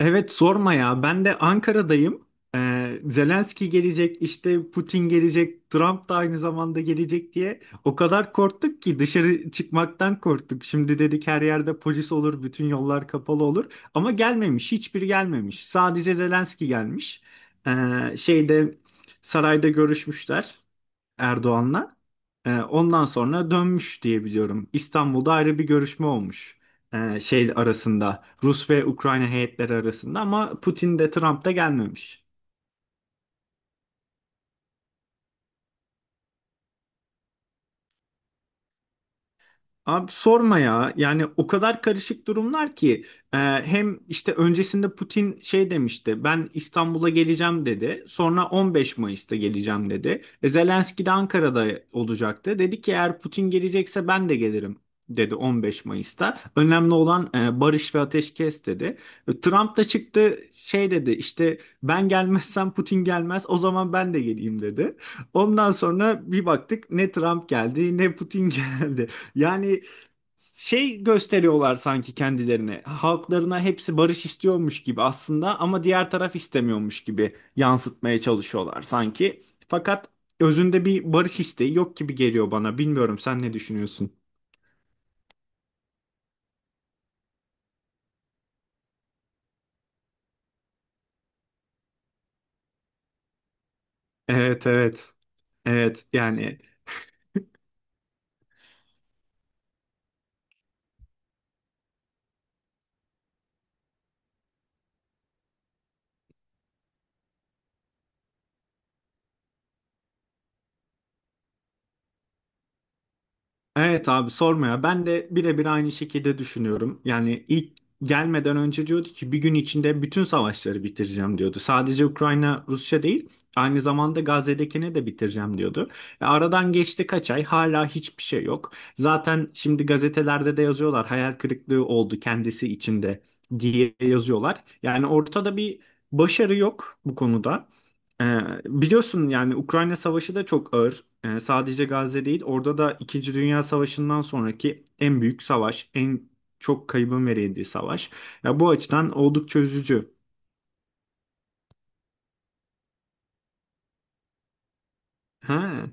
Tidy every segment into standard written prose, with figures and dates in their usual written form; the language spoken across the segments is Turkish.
Evet sorma ya. Ben de Ankara'dayım. Zelenski gelecek, işte Putin gelecek, Trump da aynı zamanda gelecek diye o kadar korktuk ki dışarı çıkmaktan korktuk. Şimdi dedik her yerde polis olur, bütün yollar kapalı olur. Ama gelmemiş, hiçbir gelmemiş. Sadece Zelenski gelmiş. Şeyde sarayda görüşmüşler Erdoğan'la. Ondan sonra dönmüş diye biliyorum. İstanbul'da ayrı bir görüşme olmuş. Şey arasında Rus ve Ukrayna heyetleri arasında ama Putin de Trump da gelmemiş. Abi sorma ya. Yani o kadar karışık durumlar ki hem işte öncesinde Putin şey demişti. Ben İstanbul'a geleceğim dedi. Sonra 15 Mayıs'ta geleceğim dedi. E, Zelenski de Ankara'da olacaktı. Dedi ki eğer Putin gelecekse ben de gelirim dedi 15 Mayıs'ta. Önemli olan barış ve ateşkes dedi. E, Trump da çıktı şey dedi işte ben gelmezsem Putin gelmez o zaman ben de geleyim dedi. Ondan sonra bir baktık ne Trump geldi ne Putin geldi. Yani şey gösteriyorlar sanki kendilerini. Halklarına hepsi barış istiyormuş gibi aslında ama diğer taraf istemiyormuş gibi yansıtmaya çalışıyorlar sanki. Fakat özünde bir barış isteği yok gibi geliyor bana. Bilmiyorum sen ne düşünüyorsun? Evet, evet. Evet yani. Evet abi sorma ya. Ben de birebir aynı şekilde düşünüyorum. Yani ilk gelmeden önce diyordu ki bir gün içinde bütün savaşları bitireceğim diyordu. Sadece Ukrayna, Rusya değil, aynı zamanda Gazze'dekini de bitireceğim diyordu. E, aradan geçti kaç ay hala hiçbir şey yok. Zaten şimdi gazetelerde de yazıyorlar hayal kırıklığı oldu kendisi içinde diye yazıyorlar. Yani ortada bir başarı yok bu konuda. Biliyorsun yani Ukrayna Savaşı da çok ağır. Sadece Gazze değil, orada da İkinci Dünya Savaşı'ndan sonraki en büyük savaş, en çok kaybın verildiği savaş. Ya bu açıdan oldukça üzücü. Ha,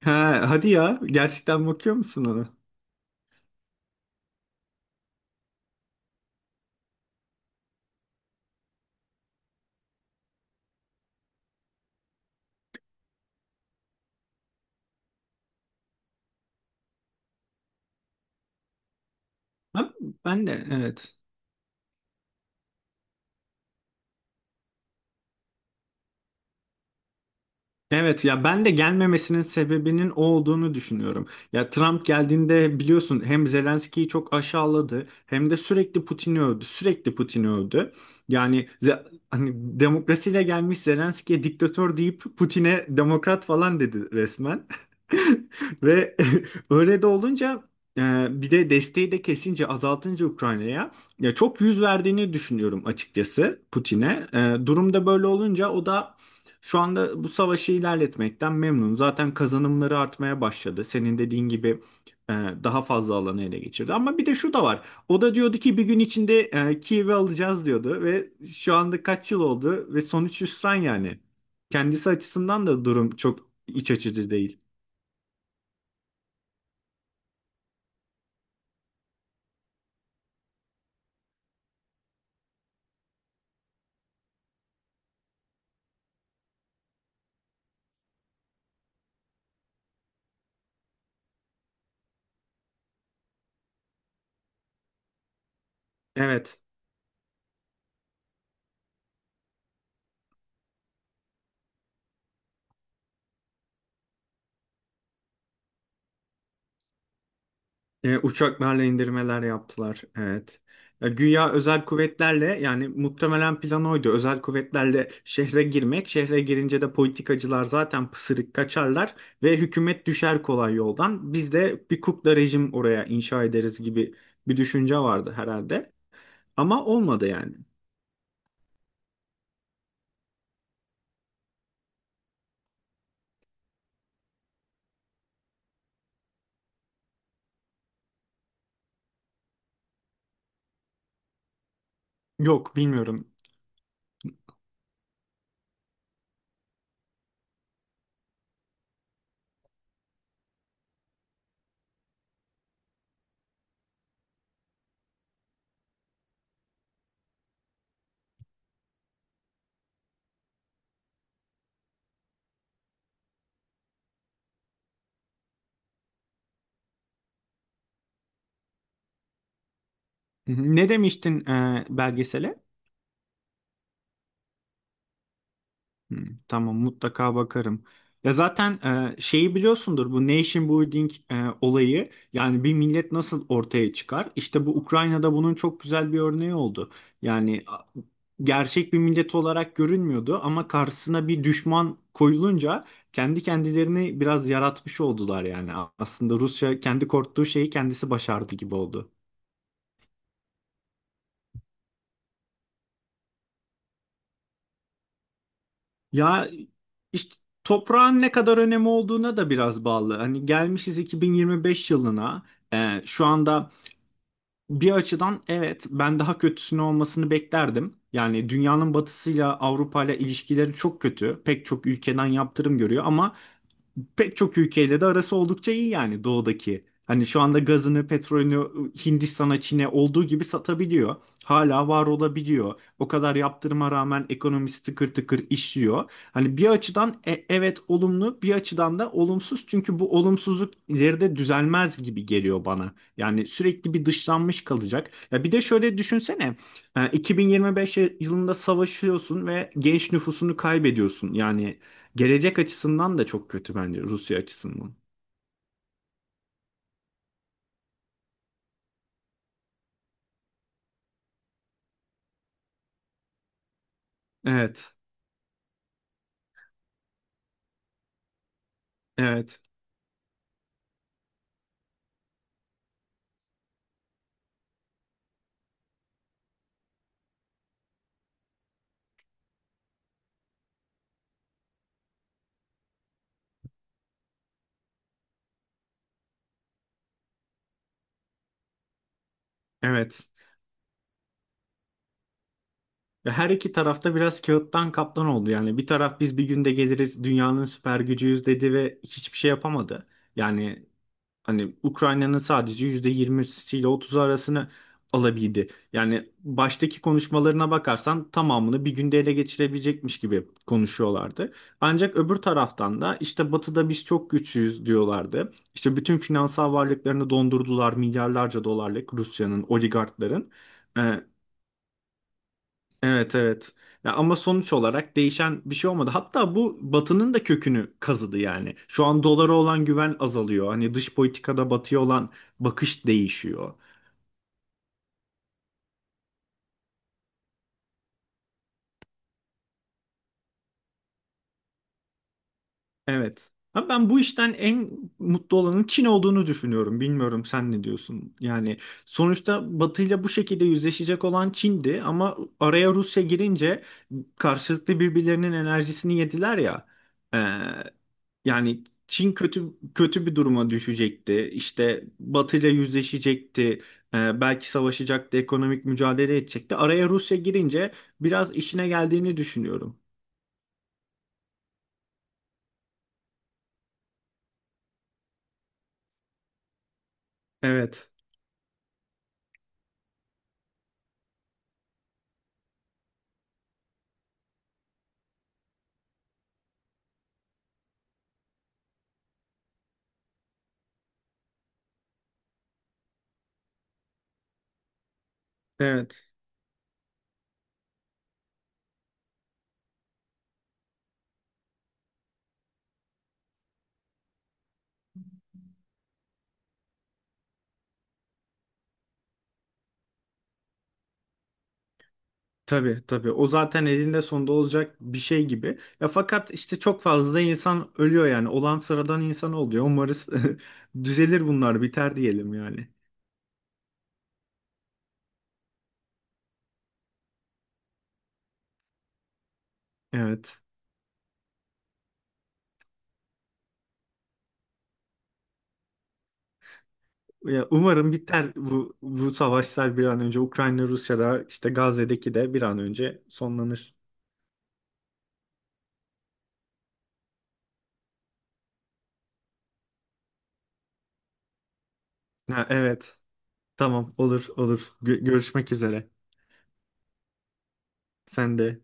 ha, hadi ya, gerçekten bakıyor musun ona? Ha, ben de evet. Evet ya ben de gelmemesinin sebebinin o olduğunu düşünüyorum. Ya Trump geldiğinde biliyorsun hem Zelenski'yi çok aşağıladı hem de sürekli Putin'i övdü. Sürekli Putin'i övdü. Yani hani demokrasiyle gelmiş Zelenski'ye diktatör deyip Putin'e demokrat falan dedi resmen. Ve öyle de olunca bir de desteği de kesince azaltınca Ukrayna'ya ya çok yüz verdiğini düşünüyorum açıkçası Putin'e. E, durumda böyle olunca o da şu anda bu savaşı ilerletmekten memnun. Zaten kazanımları artmaya başladı. Senin dediğin gibi e, daha fazla alanı ele geçirdi. Ama bir de şu da var. O da diyordu ki bir gün içinde Kiev'i alacağız diyordu ve şu anda kaç yıl oldu ve sonuç hüsran yani. Kendisi açısından da durum çok iç açıcı değil. Evet. E, uçaklarla indirmeler yaptılar. Evet. E, güya özel kuvvetlerle yani muhtemelen plan oydu. Özel kuvvetlerle şehre girmek. Şehre girince de politikacılar zaten pısırık kaçarlar ve hükümet düşer kolay yoldan. Biz de bir kukla rejim oraya inşa ederiz gibi bir düşünce vardı herhalde. Ama olmadı yani. Yok bilmiyorum. Ne demiştin belgesele? Hmm, tamam mutlaka bakarım. Ya zaten şeyi biliyorsundur bu nation building olayı yani bir millet nasıl ortaya çıkar? İşte bu Ukrayna'da bunun çok güzel bir örneği oldu. Yani gerçek bir millet olarak görünmüyordu ama karşısına bir düşman koyulunca kendi kendilerini biraz yaratmış oldular yani. Aslında Rusya kendi korktuğu şeyi kendisi başardı gibi oldu. Ya işte toprağın ne kadar önemi olduğuna da biraz bağlı. Hani gelmişiz 2025 yılına. Şu anda bir açıdan evet ben daha kötüsünü olmasını beklerdim. Yani dünyanın batısıyla Avrupa ile ilişkileri çok kötü. Pek çok ülkeden yaptırım görüyor ama pek çok ülkeyle de arası oldukça iyi yani doğudaki. Hani şu anda gazını, petrolünü Hindistan'a, Çin'e olduğu gibi satabiliyor. Hala var olabiliyor. O kadar yaptırıma rağmen ekonomisi tıkır tıkır işliyor. Hani bir açıdan evet olumlu, bir açıdan da olumsuz. Çünkü bu olumsuzluk ileride düzelmez gibi geliyor bana. Yani sürekli bir dışlanmış kalacak. Ya bir de şöyle düşünsene. 2025 yılında savaşıyorsun ve genç nüfusunu kaybediyorsun. Yani gelecek açısından da çok kötü bence Rusya açısından. Evet, evet, evet. Ve her iki tarafta biraz kağıttan kaplan oldu. Yani bir taraf biz bir günde geliriz dünyanın süper gücüyüz dedi ve hiçbir şey yapamadı. Yani hani Ukrayna'nın sadece %20'si ile 30'u arasını alabildi. Yani baştaki konuşmalarına bakarsan tamamını bir günde ele geçirebilecekmiş gibi konuşuyorlardı. Ancak öbür taraftan da işte Batı'da biz çok güçlüyüz diyorlardı. İşte bütün finansal varlıklarını dondurdular milyarlarca dolarlık Rusya'nın, oligarkların. Evet, evet. Ya ama sonuç olarak değişen bir şey olmadı. Hatta bu Batı'nın da kökünü kazıdı yani. Şu an dolara olan güven azalıyor. Hani dış politikada Batı'ya olan bakış değişiyor. Evet. Ama ben bu işten en mutlu olanın Çin olduğunu düşünüyorum. Bilmiyorum sen ne diyorsun? Yani sonuçta Batı ile bu şekilde yüzleşecek olan Çin'di ama araya Rusya girince karşılıklı birbirlerinin enerjisini yediler ya. Ee, yani Çin kötü bir duruma düşecekti. İşte Batı ile yüzleşecekti. Belki savaşacaktı, ekonomik mücadele edecekti. Araya Rusya girince biraz işine geldiğini düşünüyorum. Evet. Evet. Tabii tabii o zaten elinde sonunda olacak bir şey gibi. Ya fakat işte çok fazla da insan ölüyor yani. Olan sıradan insan oluyor. Umarız düzelir bunlar biter diyelim yani. Evet. Ya umarım biter bu savaşlar bir an önce Ukrayna Rusya'da işte Gazze'deki de bir an önce sonlanır. Ha, evet. Tamam, olur olur. Görüşmek üzere. Sen de.